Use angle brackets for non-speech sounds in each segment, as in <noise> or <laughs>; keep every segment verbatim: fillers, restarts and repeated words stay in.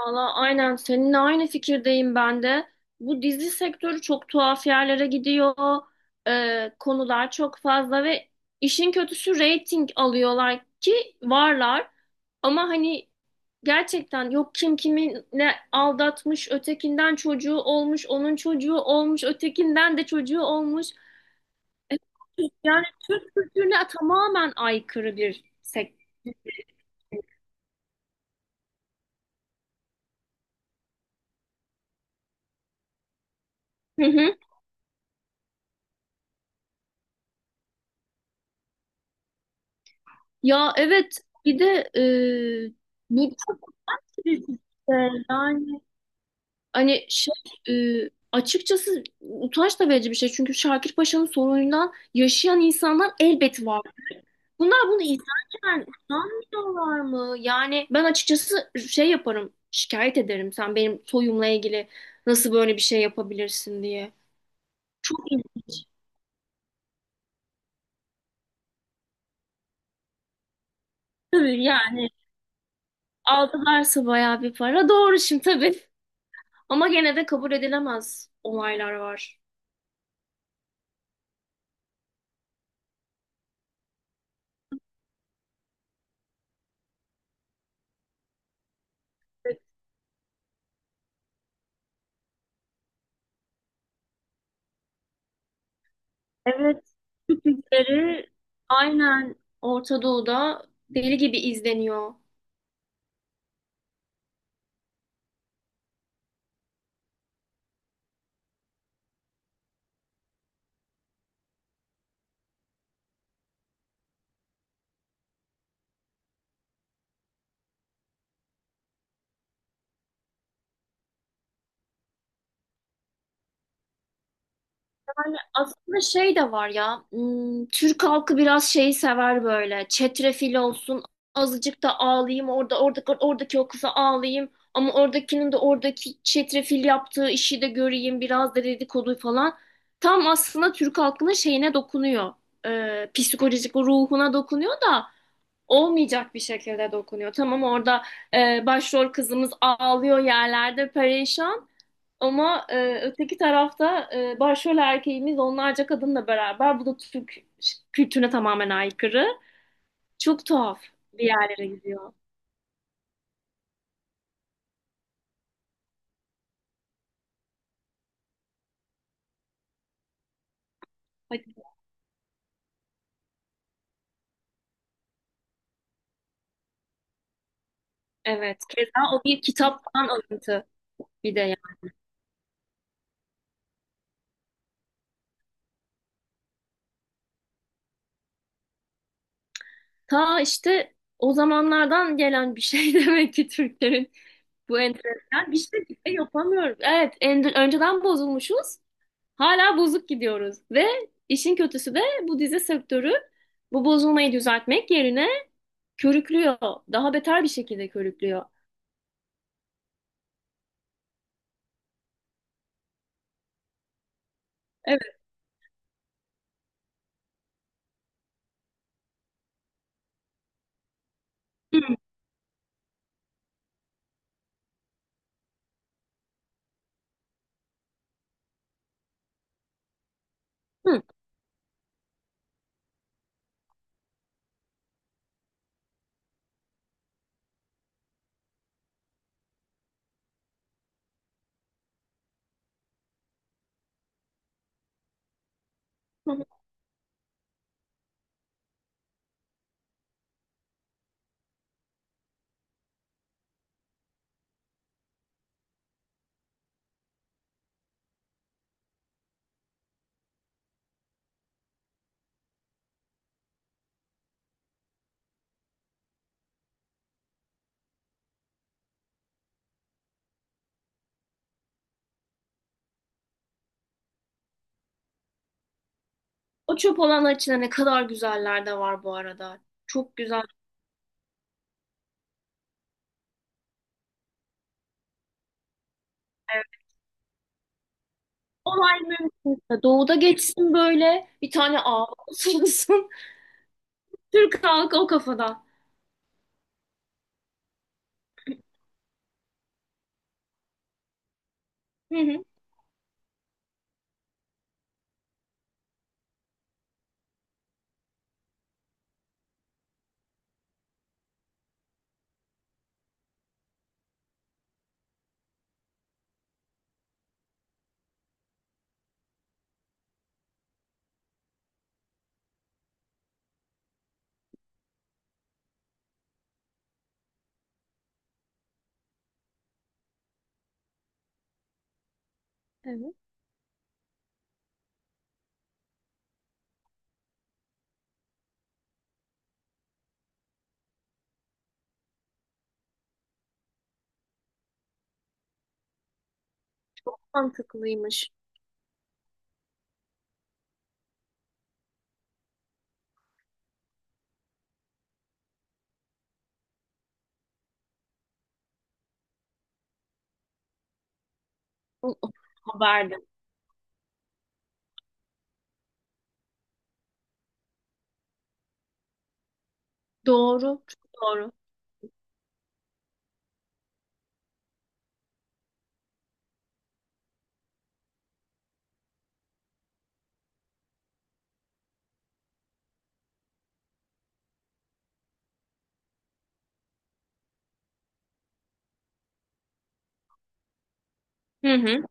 Valla aynen seninle aynı fikirdeyim ben de. Bu dizi sektörü çok tuhaf yerlere gidiyor. Ee, konular çok fazla ve işin kötüsü reyting alıyorlar ki varlar. Ama hani gerçekten yok kim kimi ne aldatmış, ötekinden çocuğu olmuş, onun çocuğu olmuş, ötekinden de çocuğu olmuş. E, Yani Türk kültürüne tamamen aykırı bir sektör. Hı hı. Ya evet, bir de e, bu İşte yani Hani şey e, açıkçası utanç da verici bir şey. Çünkü Şakir Paşa'nın sorunundan yaşayan insanlar elbet var. Bunlar bunu izlerken utanmıyorlar mı? Yani ben açıkçası şey yaparım, şikayet ederim. Sen benim soyumla ilgili nasıl böyle bir şey yapabilirsin diye. Çok iyi. Tabii yani aldılarsa bayağı bir para. Doğru şimdi tabii. Ama gene de kabul edilemez olaylar var. Evet, Türk dizileri, aynen, Orta Doğu'da deli gibi izleniyor. Aslında şey de var ya, hmm, Türk halkı biraz şeyi sever böyle. Çetrefil olsun, azıcık da ağlayayım, orada oradaki, oradaki o kıza ağlayayım. Ama oradakinin de oradaki çetrefil yaptığı işi de göreyim, biraz da dedikodu falan. Tam aslında Türk halkının şeyine dokunuyor. Ee, psikolojik ruhuna dokunuyor da olmayacak bir şekilde dokunuyor. Tamam, orada e, başrol kızımız ağlıyor yerlerde perişan, ama e, öteki tarafta e, başrol erkeğimiz onlarca kadınla beraber. Bu da Türk kültürüne tamamen aykırı. Çok tuhaf bir yerlere gidiyor. Hadi. Evet. Keza o bir kitaptan alıntı bir de yani. Ta işte o zamanlardan gelen bir şey <laughs> demek ki Türklerin bu enteresan. Bir şey, bir şey yapamıyoruz. Evet, en- önceden bozulmuşuz. Hala bozuk gidiyoruz ve işin kötüsü de bu dizi sektörü bu bozulmayı düzeltmek yerine körüklüyor. Daha beter bir şekilde körüklüyor. Evet. Hı, hı. O çöp olanlar içinde ne kadar güzeller de var bu arada. Çok güzel. Evet. Olay mümkünse doğuda geçsin, böyle bir tane ağ olsun. <laughs> Türk halkı o kafada. Hı hı. Evet. Mantıklıymış. O- o Haberde. Doğru. Çok doğru. Hı hı.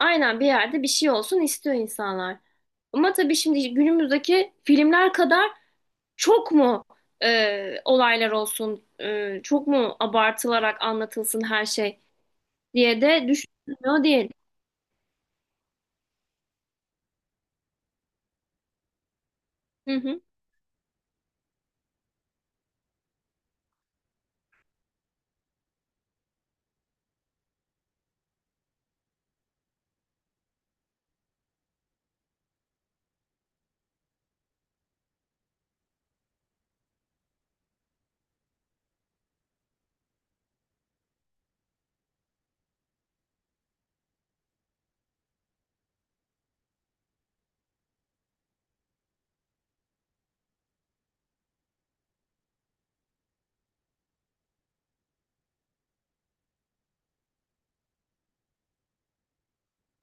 Aynen, bir yerde bir şey olsun istiyor insanlar. Ama tabii şimdi günümüzdeki filmler kadar çok mu e, olaylar olsun, e, çok mu abartılarak anlatılsın her şey diye de düşünmüyor değil. Hı hı.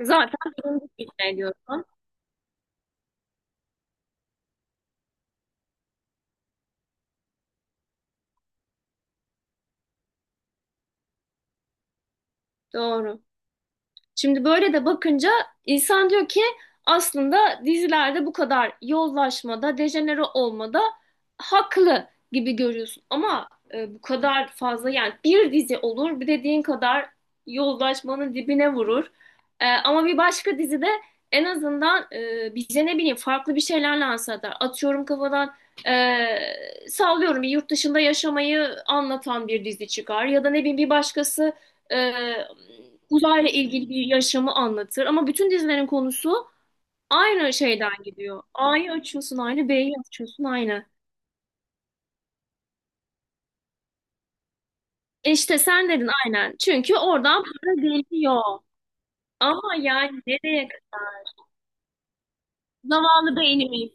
Zaten ne diyorsun? Doğru. Şimdi böyle de bakınca insan diyor ki aslında dizilerde bu kadar yozlaşmada, dejenere olmada haklı gibi görüyorsun. Ama e, bu kadar fazla, yani bir dizi olur, bir dediğin kadar yozlaşmanın dibine vurur. E, ama bir başka dizide en azından e, bize ne bileyim farklı bir şeyler lanse eder. Atıyorum kafadan, e, sallıyorum, bir yurt dışında yaşamayı anlatan bir dizi çıkar ya da ne bileyim bir başkası e, uzayla ilgili bir yaşamı anlatır. Ama bütün dizilerin konusu aynı şeyden gidiyor. A'yı açıyorsun aynı, B'yi açıyorsun aynı. E İşte sen dedin aynen. Çünkü oradan para geliyor. Ama yani nereye? Zavallı beynimiz.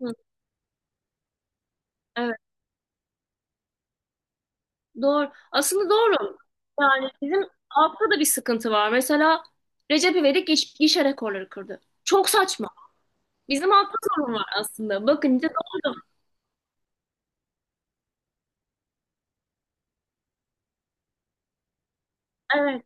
Hı, evet, doğru. Aslında doğru. Yani bizim altta da bir sıkıntı var. Mesela Recep İvedik giş- gişe rekorları kırdı. Çok saçma. Bizim altta sorun var aslında. Bakınca doğru. Evet,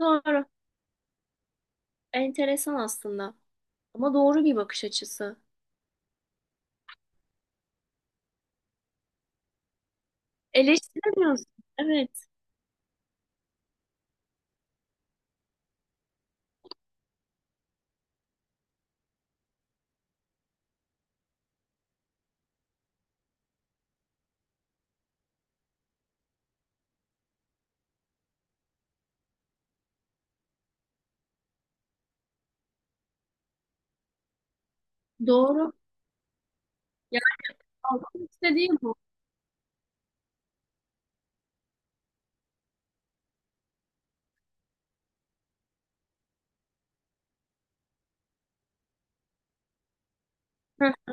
doğru. Enteresan aslında. Ama doğru bir bakış açısı. Eleştiremiyorsun. Evet, doğru. Yani halkın istediği bu. Heh,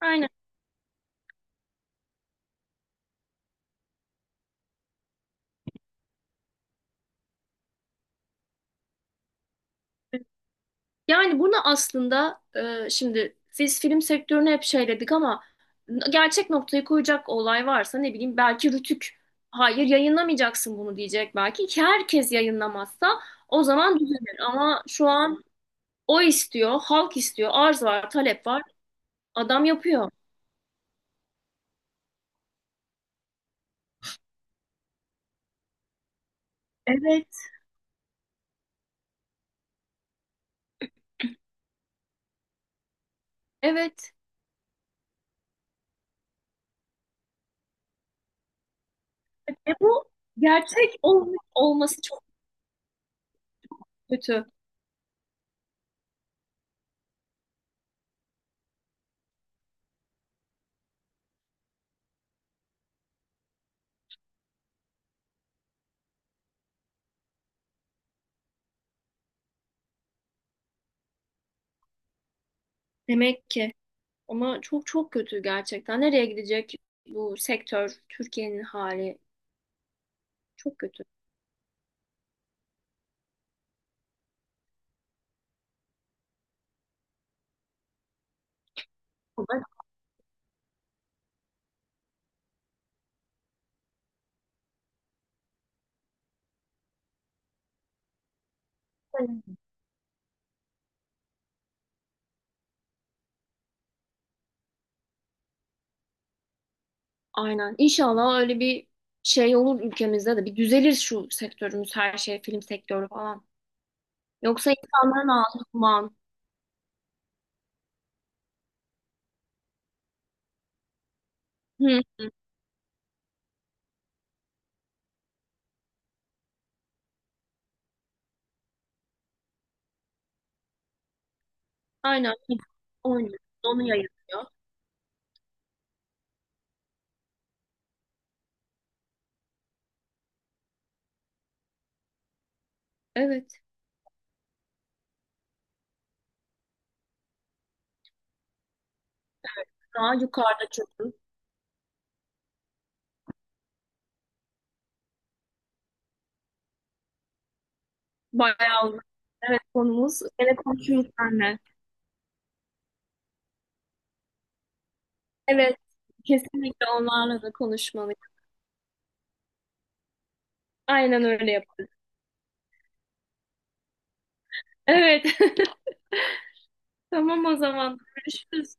aynen. Yani bunu aslında e, şimdi biz film sektörünü hep şeyledik, ama gerçek noktayı koyacak olay varsa ne bileyim belki Rütük hayır yayınlamayacaksın bunu diyecek, belki ki herkes yayınlamazsa o zaman düzelir, ama şu an o istiyor, halk istiyor, arz var, talep var. Adam yapıyor. Evet. Evet. E bu gerçek ol- olması. Kötü. Demek ki. Ama çok çok kötü gerçekten. Nereye gidecek bu sektör, Türkiye'nin hali? Çok kötü. Vallahi aynen. İnşallah öyle bir şey olur ülkemizde de. Bir düzelir şu sektörümüz, her şey, film sektörü falan. Yoksa insanların ağzı duman. Hı hı. Aynen. Oynuyor. Onu yayınlıyor. Evet. Daha yukarıda çünkü. Bayağı uzun. Evet, konumuz. Gene konuşuruz seninle. Evet. Kesinlikle onlarla da konuşmalıyız. Aynen öyle yapalım. Evet. <laughs> Tamam o zaman. Görüşürüz.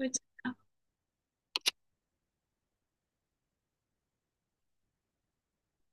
Hoşça